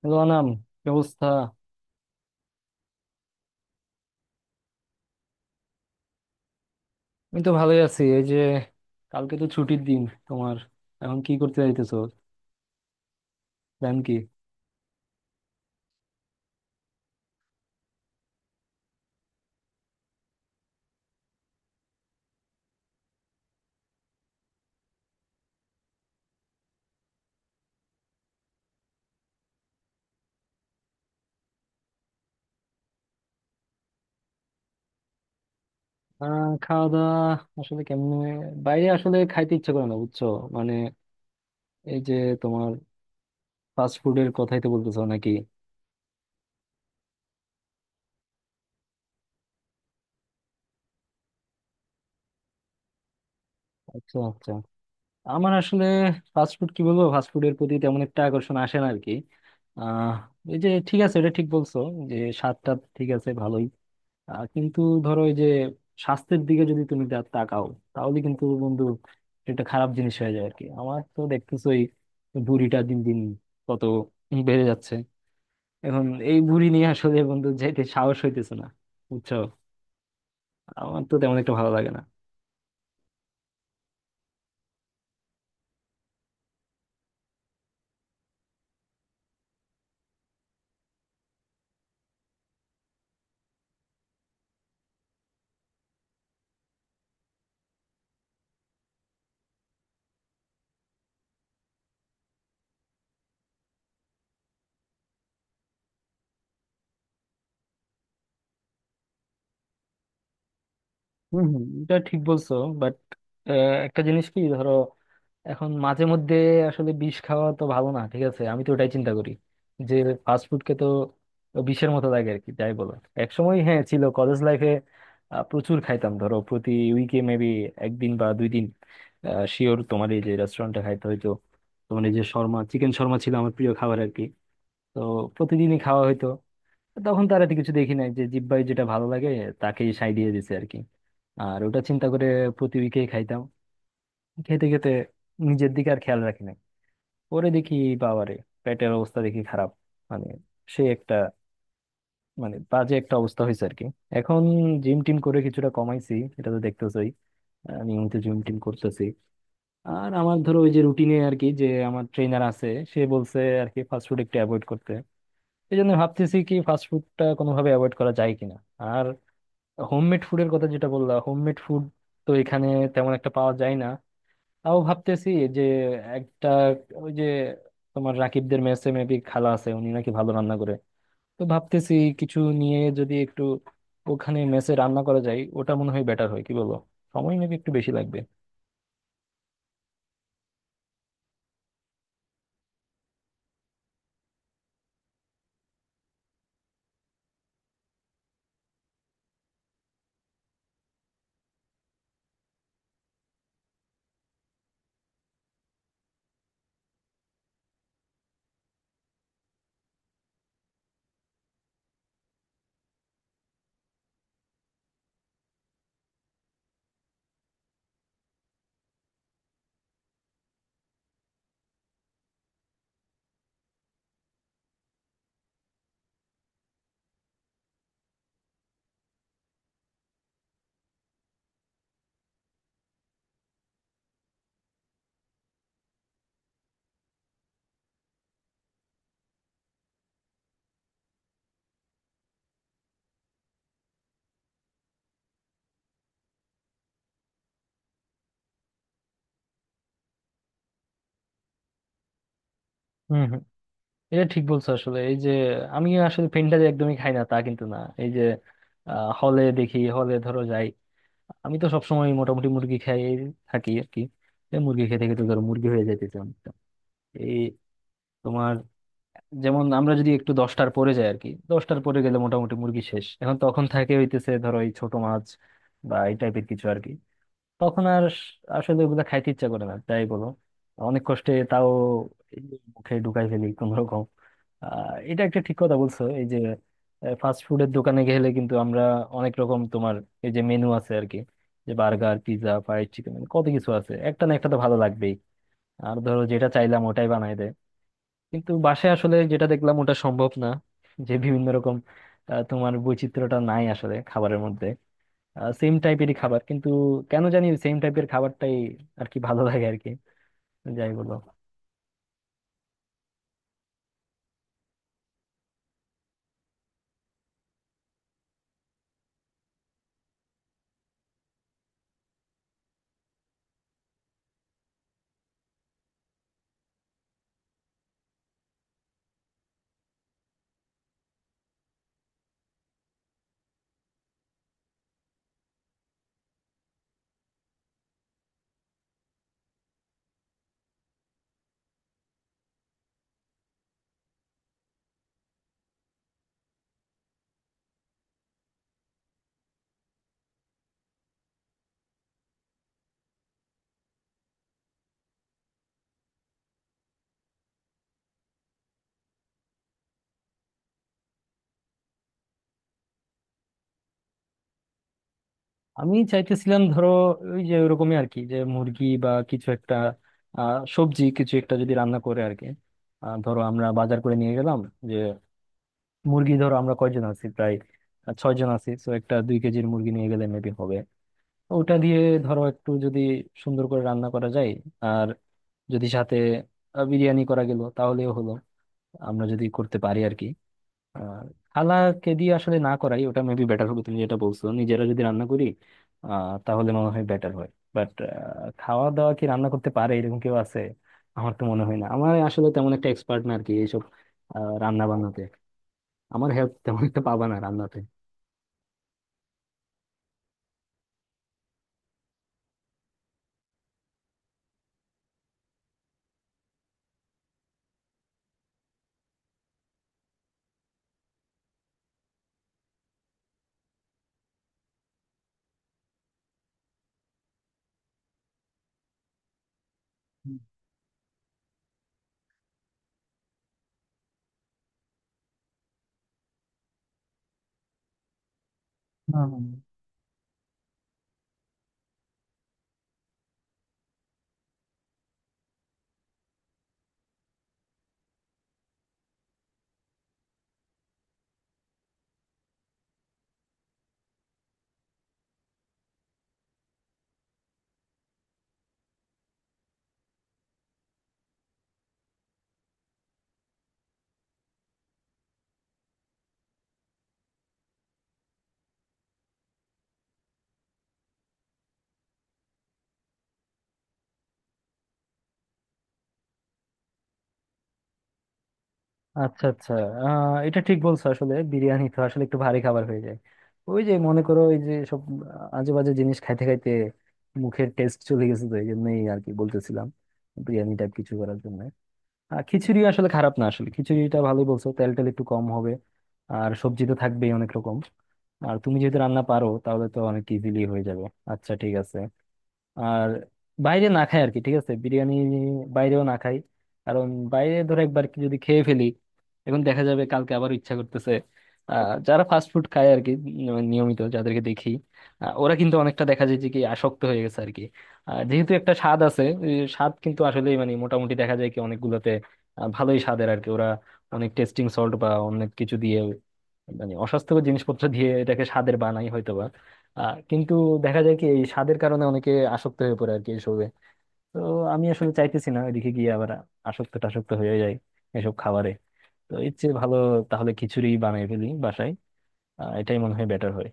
Hello অনাম, কি অবস্থা? আমি তো ভালোই আছি। এই যে কালকে তো ছুটির দিন, তোমার এখন কি করতে যাইতেছো? প্ল্যান কি? খাওয়া দাওয়া আসলে কেমনে, বাইরে আসলে খাইতে ইচ্ছে করে না, বুঝছো? মানে এই যে তোমার ফাস্ট ফুডের কথাই তো বলতেছো নাকি? আচ্ছা আচ্ছা, আমার আসলে ফাস্ট ফুড কি বলবো, ফাস্ট ফুডের প্রতি তেমন একটা আকর্ষণ আসে না আর কি। আহ এই যে ঠিক আছে, এটা ঠিক বলছো যে স্বাদটা ঠিক আছে ভালোই। কিন্তু ধরো ওই যে স্বাস্থ্যের দিকে যদি তুমি তাকাও, তাহলে কিন্তু বন্ধু এটা খারাপ জিনিস হয়ে যায় আর কি। আমার তো দেখতেছোই ভুঁড়িটা দিন দিন কত বেড়ে যাচ্ছে। এখন এই ভুঁড়ি নিয়ে আসলে বন্ধু যেতে সাহস হইতেছে না, বুঝছো? আমার তো তেমন একটা ভালো লাগে না। হম হম, এটা ঠিক বলছো। বাট একটা জিনিস কি ধরো, এখন মাঝে মধ্যে আসলে বিষ খাওয়া তো ভালো না। ঠিক আছে আমি তো ওটাই চিন্তা করি যে ফাস্ট ফুড কে তো বিষের মতো লাগে আর কি, যাই বলো। এক সময় হ্যাঁ ছিল, কলেজ লাইফে প্রচুর খাইতাম। ধরো প্রতি উইকে মেবি 1 দিন বা 2 দিন শিওর তোমার এই যে রেস্টুরেন্টে খাইতে হইতো। তোমার এই যে শর্মা, চিকেন শর্মা ছিল আমার প্রিয় খাবার আর কি। তো প্রতিদিনই খাওয়া হইতো। তখন তার এত কিছু দেখি নাই, যে জিব্বাই যেটা ভালো লাগে তাকেই সাই দিয়ে দিছে আর কি। আর ওটা চিন্তা করে প্রতি উইকেই খাইতাম। খেতে খেতে নিজের দিকে আর খেয়াল রাখি নাই। পরে দেখি বাবারে, পেটের অবস্থা দেখি খারাপ। মানে সে একটা, মানে বাজে একটা অবস্থা হয়েছে আর কি। এখন জিম টিম করে কিছুটা কমাইছি, এটা তো দেখতেছই। আমি তো জিম টিম করতেছি। আর আমার ধরো ওই যে রুটিনে আর কি, যে আমার ট্রেনার আছে, সে বলছে আর কি ফাস্টফুড একটু অ্যাভয়েড করতে। এই জন্য ভাবতেছি কি ফাস্টফুডটা কোনোভাবে অ্যাভয়েড করা যায় কিনা। আর হোমমেড ফুডের কথা যেটা বললাম, হোমমেড ফুড তো এখানে তেমন একটা পাওয়া যায় না। তাও ভাবতেছি যে একটা ওই যে তোমার রাকিবদের মেসে মেবি খালা আছে, উনি নাকি ভালো রান্না করে। তো ভাবতেছি কিছু নিয়ে যদি একটু ওখানে মেসে রান্না করা যায়, ওটা মনে হয় বেটার হয়, কি বলো? সময় মেবি একটু বেশি লাগবে। হুম হুম, এটা ঠিক বলছো আসলে। এই যে আমি আসলে পেনটা যে একদমই খাই না তা কিন্তু না। এই যে হলে দেখি, হলে ধরো যাই, আমি তো সবসময় মোটামুটি মুরগি খাই থাকি আর কি। এই মুরগি খেতে খেতে ধরো মুরগি হয়ে যাইতেছে অনেকটা। এই তোমার যেমন আমরা যদি একটু 10টার পরে যাই আর কি, 10টার পরে গেলে মোটামুটি মুরগি শেষ। এখন তখন থাকে হইতেছে ধরো এই ছোট মাছ বা এই টাইপের কিছু আর কি। তখন আর আসলে ওগুলা খাইতে ইচ্ছা করে না, তাই বলো। অনেক কষ্টে তাও এই মুখে ঢুকাই ফেলি কোন রকম। এটা একটা ঠিক কথা বলছো। এই যে ফাস্ট ফুডের দোকানে গেলে কিন্তু আমরা অনেক রকম তোমার এই যে মেনু আছে আর কি, যে বার্গার, পিৎজা, ফ্রাইড চিকেন কত কিছু আছে, একটা না একটা তো ভালো লাগবেই। আর ধরো যেটা চাইলাম ওটাই বানাই দেয়। কিন্তু বাসায় আসলে যেটা দেখলাম ওটা সম্ভব না, যে বিভিন্ন রকম, তোমার বৈচিত্র্যটা নাই আসলে খাবারের মধ্যে। সেম টাইপেরই খাবার, কিন্তু কেন জানি সেম টাইপের খাবারটাই আর কি ভালো লাগে আর কি, যাই বলো। আমি চাইতেছিলাম ধরো ওই যে ওরকমই আর কি, যে মুরগি বা কিছু একটা, সবজি কিছু একটা যদি রান্না করে আর কি। ধরো আমরা বাজার করে নিয়ে গেলাম, যে মুরগি ধরো আমরা কয়জন আছি প্রায় 6 জন আছি, তো একটা 2 কেজির মুরগি নিয়ে গেলে মেবি হবে। ওটা দিয়ে ধরো একটু যদি সুন্দর করে রান্না করা যায়, আর যদি সাথে বিরিয়ানি করা গেল তাহলেও হলো, আমরা যদি করতে পারি আর কি। আর খালাকে দিয়ে আসলে না করাই ওটা মেবি বেটার হবে, তুমি যেটা বলছো নিজেরা যদি রান্না করি, তাহলে মনে হয় বেটার হয়। বাট খাওয়া দাওয়া কি রান্না করতে পারে এরকম কেউ আছে? আমার তো মনে হয় না, আমার আসলে তেমন একটা এক্সপার্ট না আর কি এইসব রান্না বান্নাতে। আমার হেল্প তেমন একটা পাবা না রান্নাতে। হ্যাঁ, আচ্ছা আচ্ছা। এটা ঠিক বলছো আসলে, বিরিয়ানি তো আসলে একটু ভারী খাবার হয়ে যায়। ওই যে মনে করো ওই যে সব আজে বাজে জিনিস খাইতে খাইতে মুখের টেস্ট চলে গেছে, তো এই জন্যই আর কি বলতেছিলাম বিরিয়ানি টাইপ কিছু করার জন্য। আর খিচুড়ি আসলে খারাপ না, আসলে খিচুড়িটা ভালোই বলছো, তেল টেল একটু কম হবে। আর সবজি তো থাকবেই অনেক রকম। আর তুমি যেহেতু রান্না পারো, তাহলে তো অনেক ইজিলি হয়ে যাবে। আচ্ছা ঠিক আছে। আর বাইরে না খাই আর কি, ঠিক আছে বিরিয়ানি বাইরেও না খাই, কারণ বাইরে ধরো একবার কি যদি খেয়ে ফেলি, এখন দেখা যাবে কালকে আবার ইচ্ছা করতেছে। যারা ফাস্ট ফুড খায় আর কি, নিয়মিত যাদেরকে দেখি, ওরা কিন্তু অনেকটা দেখা যায় যে কি আসক্ত হয়ে গেছে আর কি। আর যেহেতু একটা স্বাদ আছে, এই স্বাদ কিন্তু আসলে মানে মোটামুটি দেখা যায় কি অনেকগুলোতে ভালোই স্বাদের আর কি। ওরা অনেক টেস্টিং সল্ট বা অনেক কিছু দিয়ে, মানে অস্বাস্থ্যকর জিনিসপত্র দিয়ে এটাকে স্বাদের বানাই হয়তোবা। কিন্তু দেখা যায় কি এই স্বাদের কারণে অনেকে আসক্ত হয়ে পড়ে আর কি এসবে। তো আমি আসলে চাইতেছি না এদিকে গিয়ে আবার আসক্ত টাসক্ত হয়ে যায় এসব খাবারে। তো এর চেয়ে ভালো তাহলে খিচুড়ি বানিয়ে ফেলি বাসায়, এটাই মনে হয় বেটার হয়।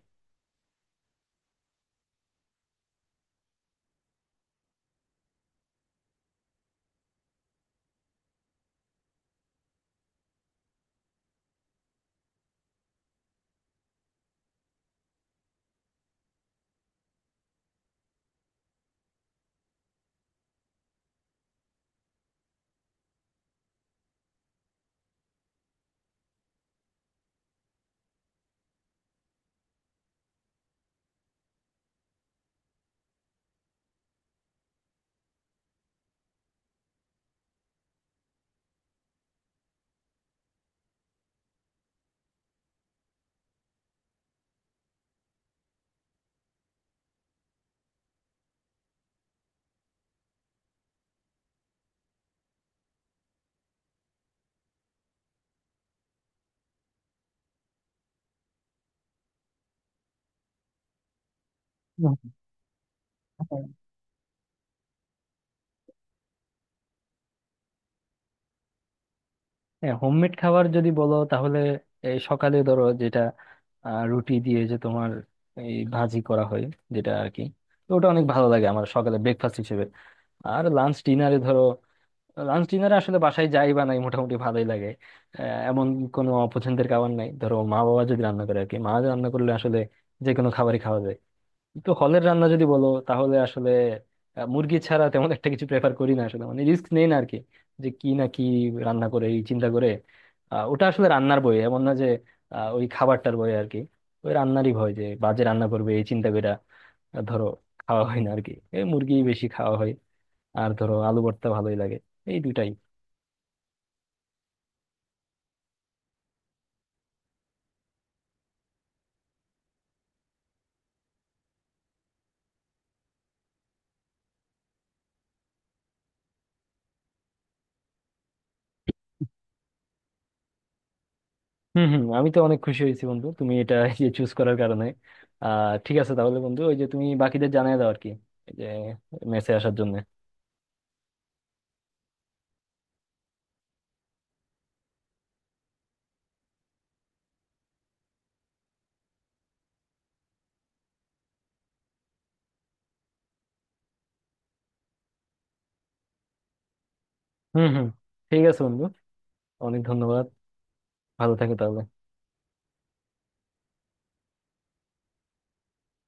হুম। হ্যাঁ হোমমেড খাবার যদি বলো তাহলে এই সকালে ধরো যেটা রুটি দিয়ে যে তোমার এই ভাজি করা হয় যেটা আর কি, তো ওটা অনেক ভালো লাগে আমার সকালে ব্রেকফাস্ট হিসেবে। আর লাঞ্চ ডিনারে ধরো, লাঞ্চ ডিনারে আসলে বাসায় যাই বানাই মোটামুটি ভালোই লাগে। আহ, এমন কোনো অপছন্দের খাবার নাই, ধরো মা বাবা যদি রান্না করে আর কি, মা রান্না করলে আসলে যে কোনো খাবারই খাওয়া যায়। তো হলের রান্না যদি বলো তাহলে আসলে মুরগি ছাড়া তেমন একটা কিছু প্রেফার করি না আসলে, মানে রিস্ক নেই না আর কি, যে কি না কি রান্না করে এই চিন্তা করে। ওটা আসলে রান্নার বই এমন না যে ওই খাবারটার বই আর কি, ওই রান্নারই ভয় যে বাজে রান্না করবে এই চিন্তা করে ধরো খাওয়া হয় না আর কি, এই মুরগি বেশি খাওয়া হয়। আর ধরো আলু ভর্তা ভালোই লাগে, এই দুটাই। হম হম, আমি তো অনেক খুশি হয়েছি বন্ধু তুমি এটা এই যে চুজ করার কারণে। ঠিক আছে তাহলে বন্ধু, ওই যে তুমি বাকিদের জানিয়ে দাও আর কি এই যে মেসে আসার জন্য। হম হম, ঠিক আছে বন্ধু, অনেক ধন্যবাদ, ভালো থাকো তাহলে।